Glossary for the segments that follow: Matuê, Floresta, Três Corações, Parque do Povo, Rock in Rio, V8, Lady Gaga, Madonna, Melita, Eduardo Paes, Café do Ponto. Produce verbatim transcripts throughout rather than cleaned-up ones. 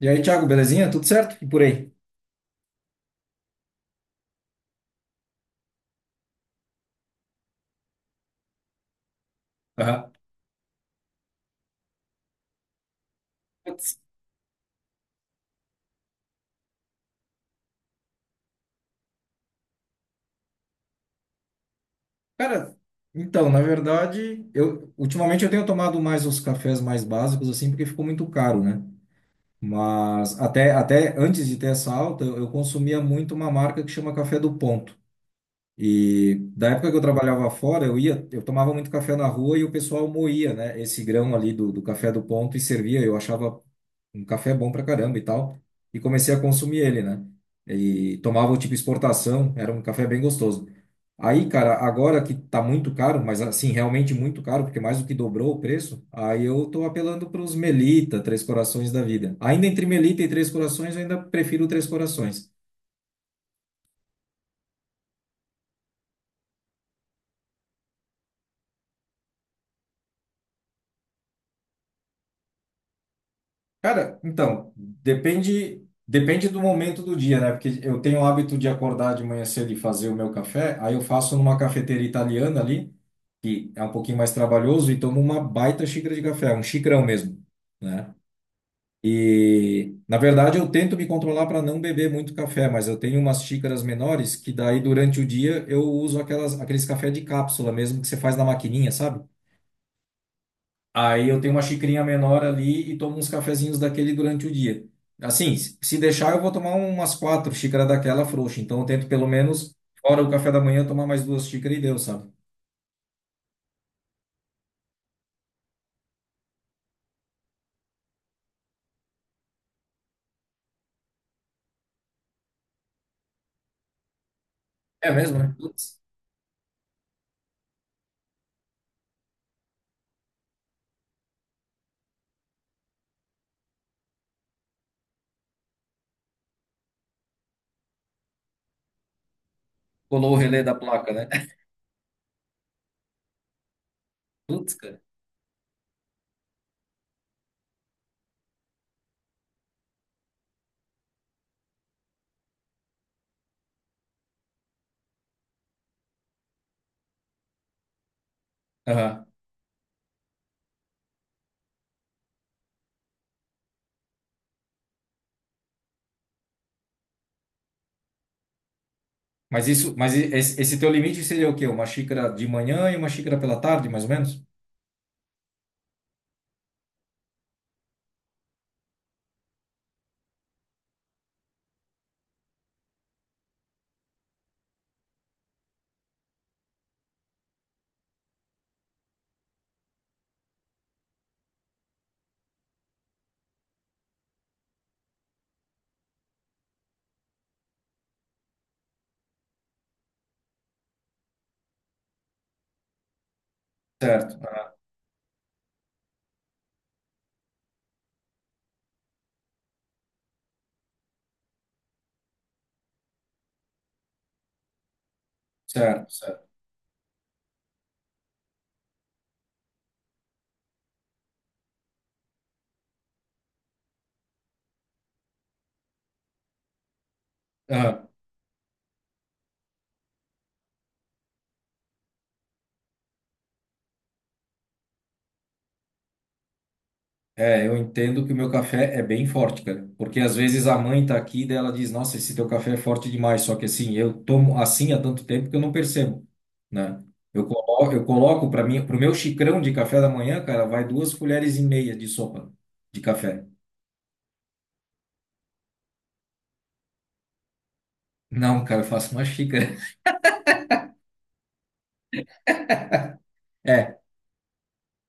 E aí, Thiago, belezinha? Tudo certo? E por aí? Aham. Putz. Cara, então, na verdade, eu ultimamente eu tenho tomado mais os cafés mais básicos assim, porque ficou muito caro, né? Mas até até antes de ter essa alta, eu eu consumia muito uma marca que chama Café do Ponto. E da época que eu trabalhava fora, eu ia, eu tomava muito café na rua e o pessoal moía, né, esse grão ali do, do café do ponto e servia. Eu achava um café bom pra caramba e tal. E comecei a consumir ele, né? E tomava o tipo exportação, era um café bem gostoso. Aí, cara, agora que tá muito caro, mas assim, realmente muito caro, porque mais do que dobrou o preço, aí eu tô apelando pros Melita, Três Corações da vida. Ainda entre Melita e Três Corações, eu ainda prefiro o Três Corações. Cara, então, depende, depende do momento do dia, né? Porque eu tenho o hábito de acordar de manhã cedo e fazer o meu café, aí eu faço numa cafeteira italiana ali, que é um pouquinho mais trabalhoso, e tomo uma baita xícara de café, um xicrão mesmo, né? E, na verdade, eu tento me controlar para não beber muito café, mas eu tenho umas xícaras menores que daí durante o dia eu uso aquelas, aqueles café de cápsula mesmo que você faz na maquininha, sabe? Aí eu tenho uma xicrinha menor ali e tomo uns cafezinhos daquele durante o dia. Assim, se se deixar, eu vou tomar um, umas quatro xícaras daquela frouxa. Então eu tento pelo menos, fora o café da manhã, tomar mais duas xícaras e deu, sabe? É mesmo, né? Putz, colou o relé da placa, né? Putz, cara. Aham. Mas isso, mas e- esse, esse teu limite seria o quê? Uma xícara de manhã e uma xícara pela tarde, mais ou menos? Certo, certo, Certo. Aham. É, eu entendo que o meu café é bem forte, cara. Porque às vezes a mãe tá aqui e daí ela diz, nossa, esse teu café é forte demais. Só que assim, eu tomo assim há tanto tempo que eu não percebo, né? Eu coloco, eu coloco para mim, pro meu xicrão de café da manhã, cara, vai duas colheres e meia de sopa de café. Não, cara, eu faço uma xícara. É,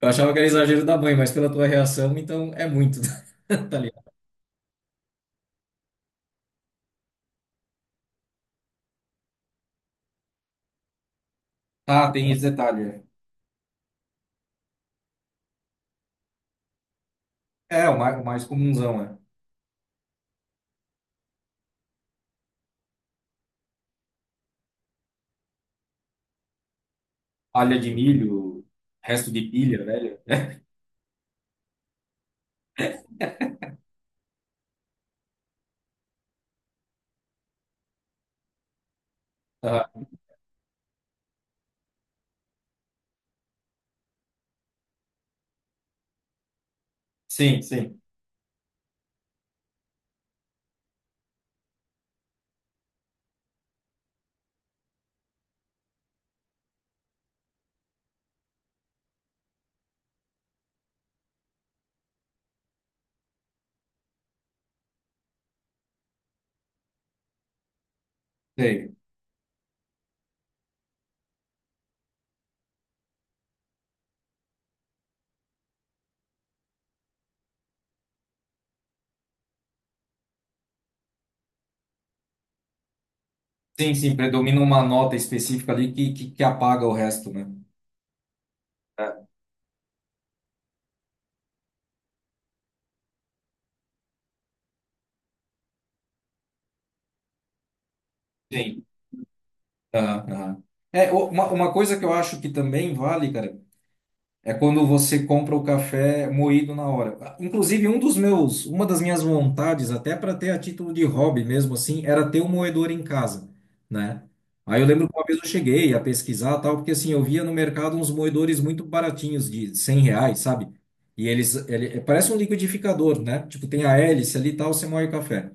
eu achava que era exagero da mãe, mas pela tua reação, então é muito, tá ligado? Ah, tem esse detalhe. É, é, o mais, o mais comunzão, é. Palha de milho, resto de pilha, velho. Aham. Sim, sim. Sei. Sim, sim, predomina uma nota específica ali que, que, que apaga o resto, né? Né? Sim. Aham, aham. É, o- uma, uma coisa que eu acho que também vale, cara, é quando você compra o café moído na hora. Inclusive, um dos meus, uma das minhas vontades, até para ter a título de hobby mesmo assim, era ter um moedor em casa, né? Aí eu lembro que uma vez eu cheguei a pesquisar tal, porque assim, eu via no mercado uns moedores muito baratinhos, de cem reais, sabe? E eles, ele, é, parece um liquidificador, né? Tipo, tem a hélice ali e tal, você moe o café.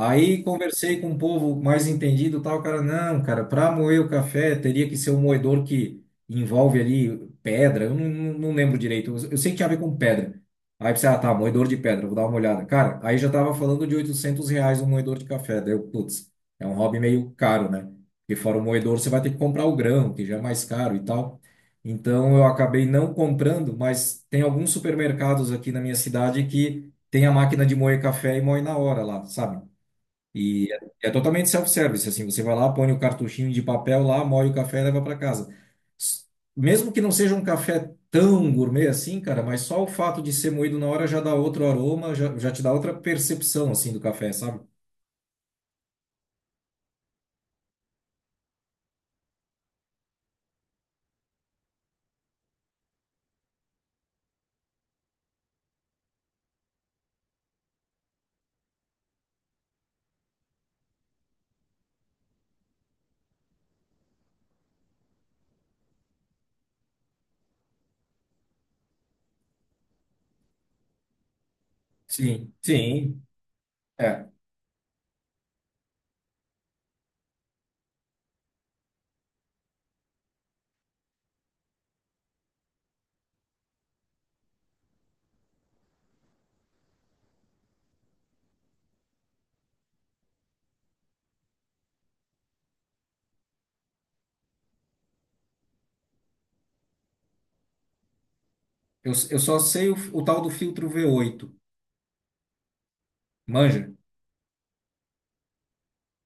Aí conversei com um povo mais entendido, e tal, o cara, não, cara, para moer o café teria que ser um moedor que envolve ali pedra, eu não, não não lembro direito, eu eu sei que tinha a ver com pedra. Aí pensei, ah, tá, moedor de pedra, vou dar uma olhada. Cara, aí já tava falando de oitocentos reais um moedor de café, daí eu, putz, é um hobby meio caro, né? Porque fora o moedor você vai ter que comprar o grão, que já é mais caro e tal. Então eu acabei não comprando, mas tem alguns supermercados aqui na minha cidade que tem a máquina de moer café e moe na hora lá, sabe? E é é totalmente self-service, assim, você vai lá, põe o cartuchinho de papel lá, moe o café e leva para casa. S- Mesmo que não seja um café tão gourmet assim, cara, mas só o fato de ser moído na hora já dá outro aroma, já, já te dá outra percepção, assim, do café, sabe? Sim, sim. É, eu, eu só sei o, o tal do filtro V oito, manja?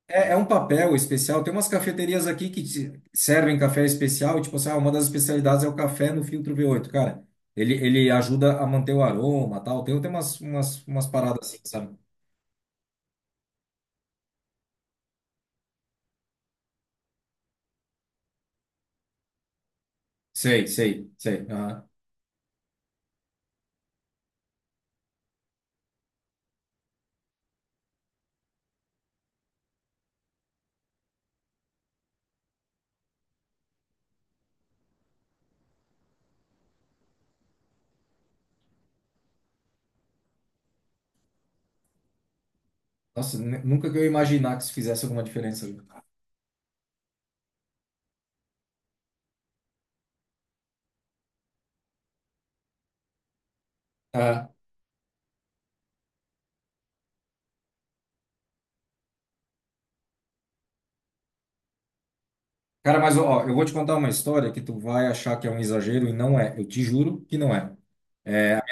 É, é um papel especial. Tem umas cafeterias aqui que te- servem café especial, tipo assim, ah, uma das especialidades é o café no filtro V oito, cara. Ele, ele ajuda a manter o aroma, tal. Tem, tem umas, umas, umas paradas assim, sabe? Sei, sei, sei. Aham. Nossa, nu- nunca que eu ia imaginar que isso fizesse alguma diferença. Aham. Cara, mas ó, eu vou te contar uma história que tu vai achar que é um exagero e não é. Eu te juro que não é. Minha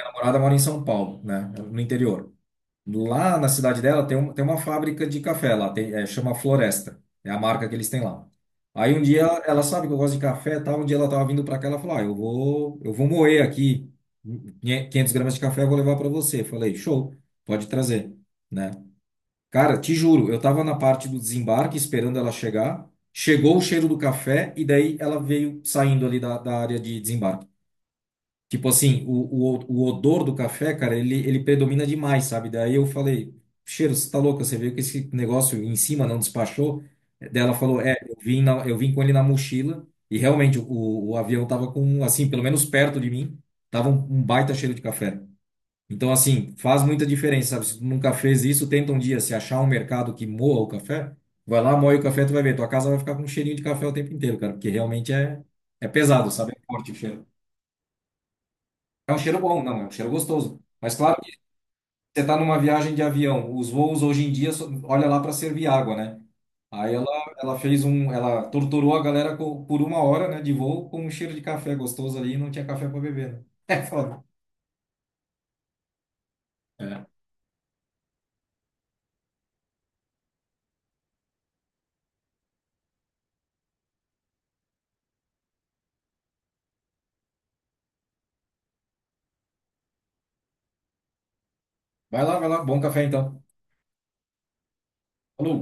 namorada mora em São Paulo, né? No interior. Lá na cidade dela tem, um, tem uma fábrica de café lá, tem, é, chama Floresta, é a marca que eles têm lá. Aí um dia ela, ela sabe que eu gosto de café, e tal, um dia ela tava vindo para cá, ela falou: "Ah, eu vou, eu vou moer aqui quinhentas gramas de café, eu vou levar para você". Eu falei: "Show, pode trazer", né? Cara, te juro, eu tava na parte do desembarque esperando ela chegar. Chegou o cheiro do café e daí ela veio saindo ali da, da área de desembarque. Tipo assim, o, o, o odor do café, cara, ele, ele predomina demais, sabe? Daí eu falei, cheiro, você tá louca? Você viu que esse negócio em cima não despachou? Daí ela falou, é, eu vim, na- eu vim com ele na mochila e realmente o, o avião tava com, assim, pelo menos perto de mim, tava um, um baita cheiro de café. Então, assim, faz muita diferença, sabe? Se tu nunca fez isso, tenta um dia, se achar um mercado que moa o café, vai lá, moe o café, tu vai ver, tua casa vai ficar com um cheirinho de café o tempo inteiro, cara, porque realmente é, é pesado, sabe? É forte o cheiro. É um cheiro bom, não, é um cheiro gostoso. Mas claro que você está numa viagem de avião, os voos hoje em dia, só- olha lá para servir água, né? Aí ela, ela fez um, ela torturou a galera co- por uma hora, né, de voo com um cheiro de café gostoso ali e não tinha café para beber, né? É foda. É. Vai lá, vai lá, bom café então. Falou.